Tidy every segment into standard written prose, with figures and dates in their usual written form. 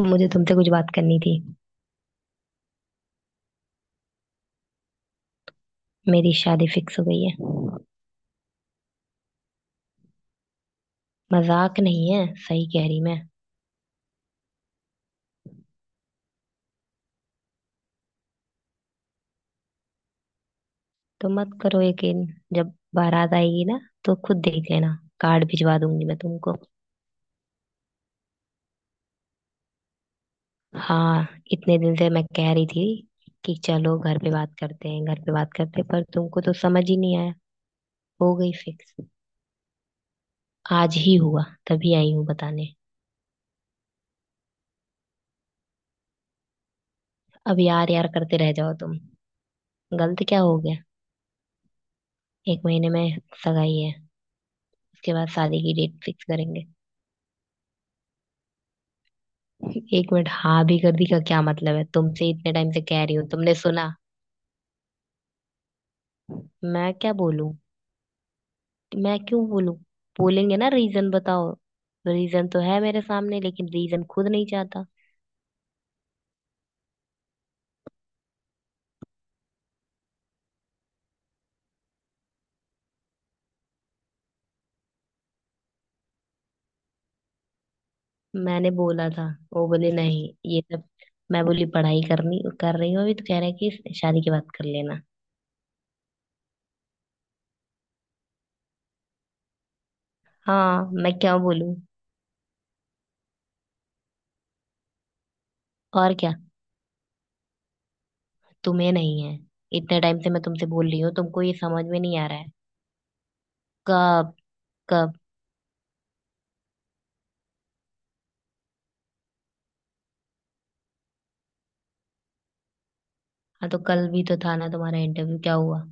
मुझे तुमसे कुछ बात करनी थी। मेरी शादी फिक्स हो गई है। मजाक नहीं है, सही कह रही मैं। तो मत करो यकीन। जब बारात आएगी ना तो खुद देख लेना। कार्ड भिजवा दूंगी मैं तुमको। हाँ, इतने दिन से मैं कह रही थी कि चलो घर पे बात करते हैं, घर पे बात करते हैं, पर तुमको तो समझ ही नहीं आया। हो गई फिक्स। आज ही हुआ, तभी आई हूँ बताने। अब यार यार करते रह जाओ तुम। गलत क्या हो गया? एक महीने में सगाई है, उसके बाद शादी की डेट फिक्स करेंगे। एक मिनट, हाँ भी कर दी का क्या मतलब है? तुमसे इतने टाइम से कह रही हूँ, तुमने सुना? मैं क्या बोलूं? मैं क्यों बोलूं? बोलेंगे ना, रीजन बताओ। रीजन तो है मेरे सामने लेकिन रीजन खुद नहीं चाहता। मैंने बोला था, वो बोले नहीं ये सब। मैं बोली पढ़ाई करनी कर रही हूँ अभी, तो कह रहा है कि शादी की बात कर लेना। हाँ, मैं क्या बोलूं? और क्या? तुम्हें नहीं है? इतने टाइम से मैं तुमसे बोल रही हूँ, तुमको ये समझ में नहीं आ रहा है। कब? कब? हाँ तो कल भी तो था ना तुम्हारा इंटरव्यू, क्या हुआ?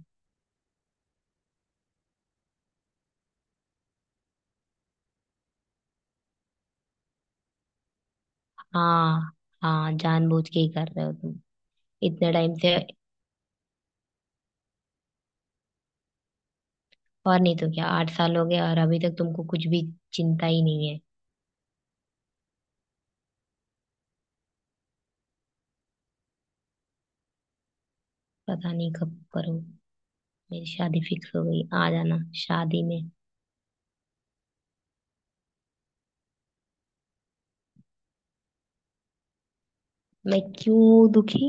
हाँ। हाँ, जानबूझ के ही कर रहे हो तुम। इतने टाइम से। और नहीं तो क्या, 8 साल हो गए और अभी तक तुमको कुछ भी चिंता ही नहीं है। पता नहीं कब करो। मेरी शादी फिक्स हो गई, आ जाना। शादी में मैं क्यों दुखी?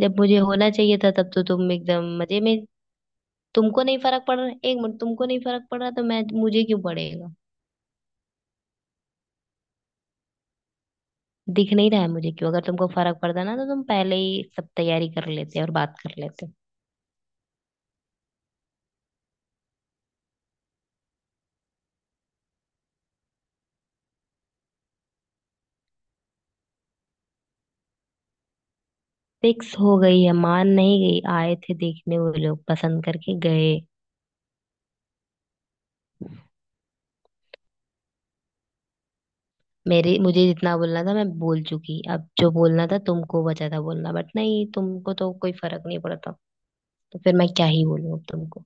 जब मुझे होना चाहिए था तब तो तुम एकदम मजे में। तुमको नहीं फर्क पड़ रहा, एक मिनट, तुमको नहीं फर्क पड़ रहा तो मैं, मुझे क्यों पड़ेगा? दिख नहीं रहा है मुझे क्यों। अगर तुमको फर्क पड़ता ना तो तुम पहले ही सब तैयारी कर लेते और बात कर लेते। फिक्स हो गई है, मान नहीं गई, आए थे देखने वो लोग, पसंद करके गए। मेरे, मुझे जितना बोलना था मैं बोल चुकी, अब जो बोलना था तुमको बचा था बोलना, बट नहीं, तुमको तो कोई फर्क नहीं पड़ता। तो फिर मैं क्या ही बोलूं अब तुमको।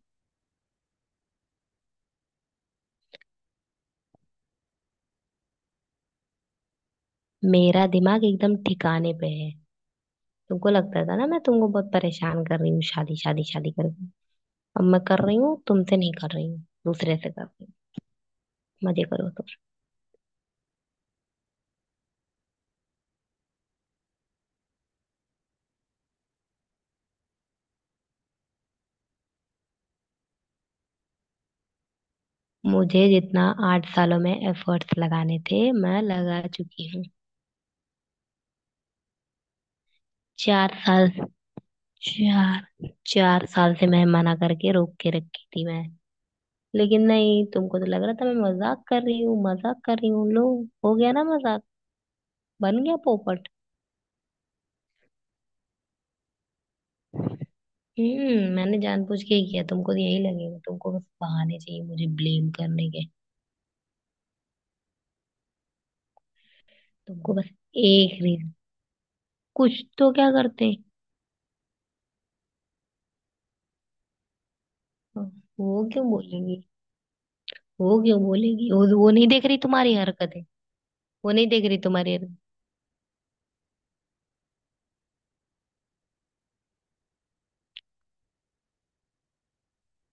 मेरा दिमाग एकदम ठिकाने पे है। तुमको लगता था ना मैं तुमको बहुत परेशान कर रही हूँ शादी शादी शादी करके। अब मैं कर रही हूँ, तुमसे नहीं कर रही हूँ, दूसरे से कर रही हूँ, मजे करो तो। मुझे जितना 8 सालों में एफर्ट्स लगाने थे मैं लगा चुकी हूँ। चार साल, चार चार साल से मैं मना करके रोक के रखी थी मैं। लेकिन नहीं, तुमको तो लग रहा था मैं मजाक कर रही हूँ, मजाक कर रही हूँ। लो, हो गया ना मजाक, बन गया पोपट। मैंने जानबूझ के ही किया, तुमको तो यही लगेगा, तुमको बस बहाने चाहिए मुझे ब्लेम करने के। तुमको बस एक रीजन, कुछ तो क्या करते हैं। वो क्यों बोलेगी? वो क्यों बोलेगी, वो नहीं देख रही तुम्हारी हरकतें? वो नहीं देख रही तुम्हारी हरकतें।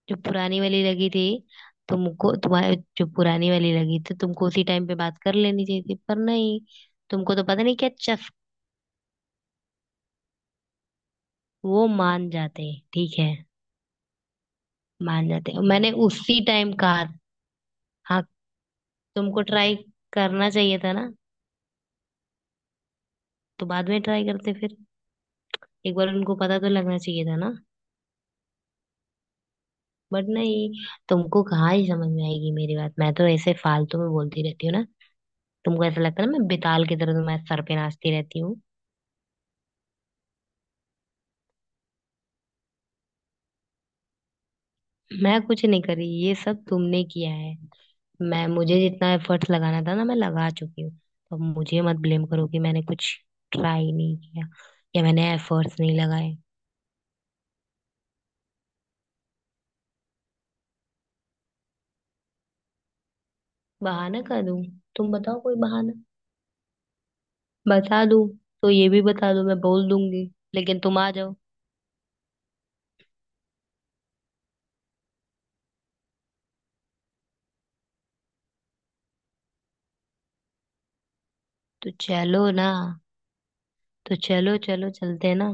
जो पुरानी वाली लगी थी तुमको, तुम्हारे जो पुरानी वाली लगी थी तुमको उसी टाइम पे बात कर लेनी चाहिए थी, पर नहीं। तुमको तो पता नहीं क्या चस, वो मान जाते, ठीक है। मान जाते, मैंने उसी टाइम कहा। हाँ। तुमको ट्राई करना चाहिए था ना। तो बाद में ट्राई करते फिर। एक बार उनको पता तो लगना चाहिए था ना। बट नहीं, तुमको कहाँ ही समझ में आएगी मेरी बात। मैं तो ऐसे फालतू में बोलती रहती हूँ ना, तुमको ऐसा लगता है ना मैं बेताल की तरह तुम्हारे सर पे नाचती रहती हूँ। मैं कुछ नहीं करी, ये सब तुमने किया है। मैं, मुझे जितना एफर्ट्स लगाना था ना मैं लगा चुकी हूँ। तो मुझे मत ब्लेम करो कि मैंने कुछ ट्राई नहीं किया या मैंने एफर्ट्स नहीं लगाए। बहाना कर दूं? तुम बताओ कोई बहाना, बता दूं। तो ये भी बता दूं, मैं बोल दूंगी। लेकिन तुम आ जाओ। तो चलो ना, तो चलो चलो चलते हैं ना।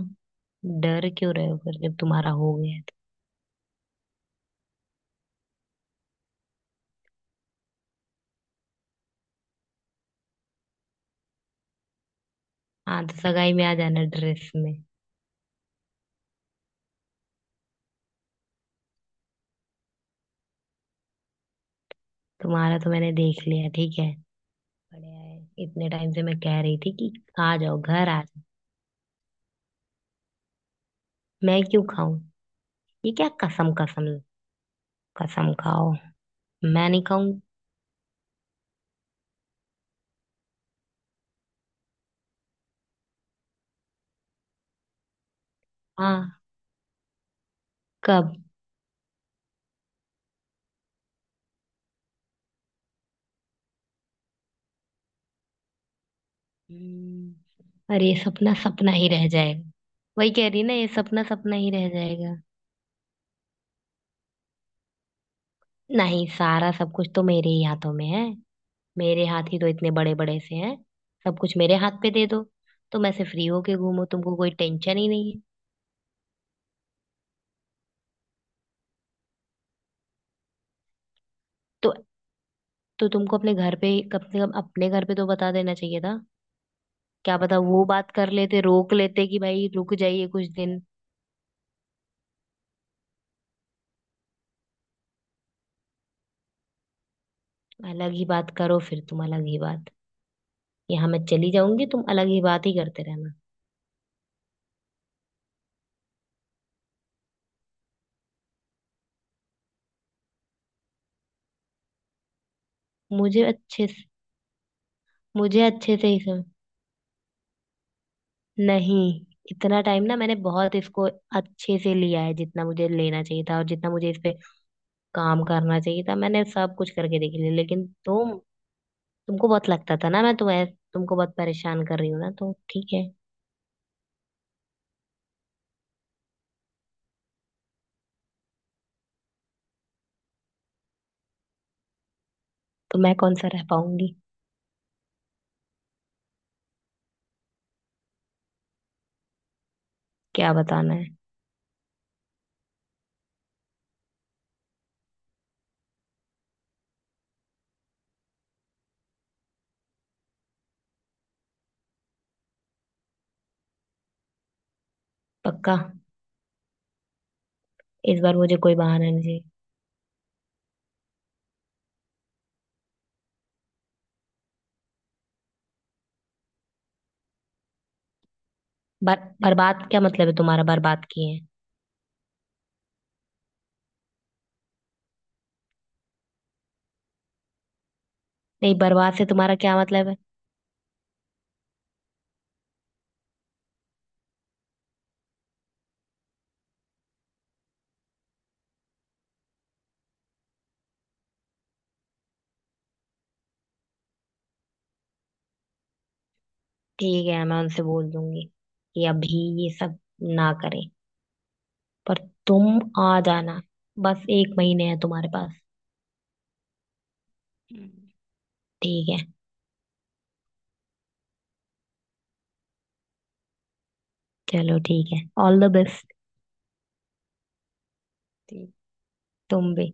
डर क्यों रहे हो फिर, जब तुम्हारा हो गया है तो। हाँ तो सगाई में आ जाना ड्रेस में। तुम्हारा तो मैंने देख लिया, ठीक है, बढ़िया है। इतने टाइम से मैं कह रही थी कि आ जाओ, घर आ जाओ। मैं क्यों खाऊं? ये क्या कसम कसम? कसम खाओ। मैं नहीं खाऊंगी। हाँ। कब? अरे ये सपना सपना ही रह जाएगा। वही कह रही ना, ये सपना सपना ही रह जाएगा। नहीं, सारा सब कुछ तो मेरे ही हाथों में है। मेरे हाथ ही तो इतने बड़े बड़े से हैं, सब कुछ मेरे हाथ पे दे दो, तो मैं से फ्री होके घूमो, तुमको कोई टेंशन ही नहीं है। तो तो तुमको अपने घर पे कम से कम अपने घर पे तो बता देना चाहिए था। क्या पता वो बात कर लेते, रोक लेते कि भाई रुक जाइए कुछ दिन। अलग ही बात करो फिर तुम, अलग ही बात। यहाँ मैं चली जाऊंगी, तुम अलग ही बात ही करते रहना। मुझे अच्छे से, मुझे अच्छे से ही समझ, नहीं, इतना टाइम ना मैंने बहुत इसको अच्छे से लिया है, जितना मुझे लेना चाहिए था और जितना मुझे इस पे काम करना चाहिए था मैंने सब कुछ करके देख लिया, लेकिन तुम, तुमको बहुत लगता था ना मैं तुम्हें, तुमको बहुत परेशान कर रही हूँ ना, तो ठीक है। तो मैं कौन सा रह पाऊंगी? क्या बताना है? पक्का। इस बार मुझे कोई बहाना नहीं चाहिए। बर, बर्बाद क्या मतलब है तुम्हारा, बर्बाद किए हैं? नहीं, बर्बाद से तुम्हारा क्या मतलब है? ठीक है मैं उनसे बोल दूंगी कि अभी ये सब ना करें, पर तुम आ जाना। बस एक महीने है तुम्हारे पास। हम्म, ठीक है। चलो ठीक है, ऑल द बेस्ट। ठीक। तुम भी।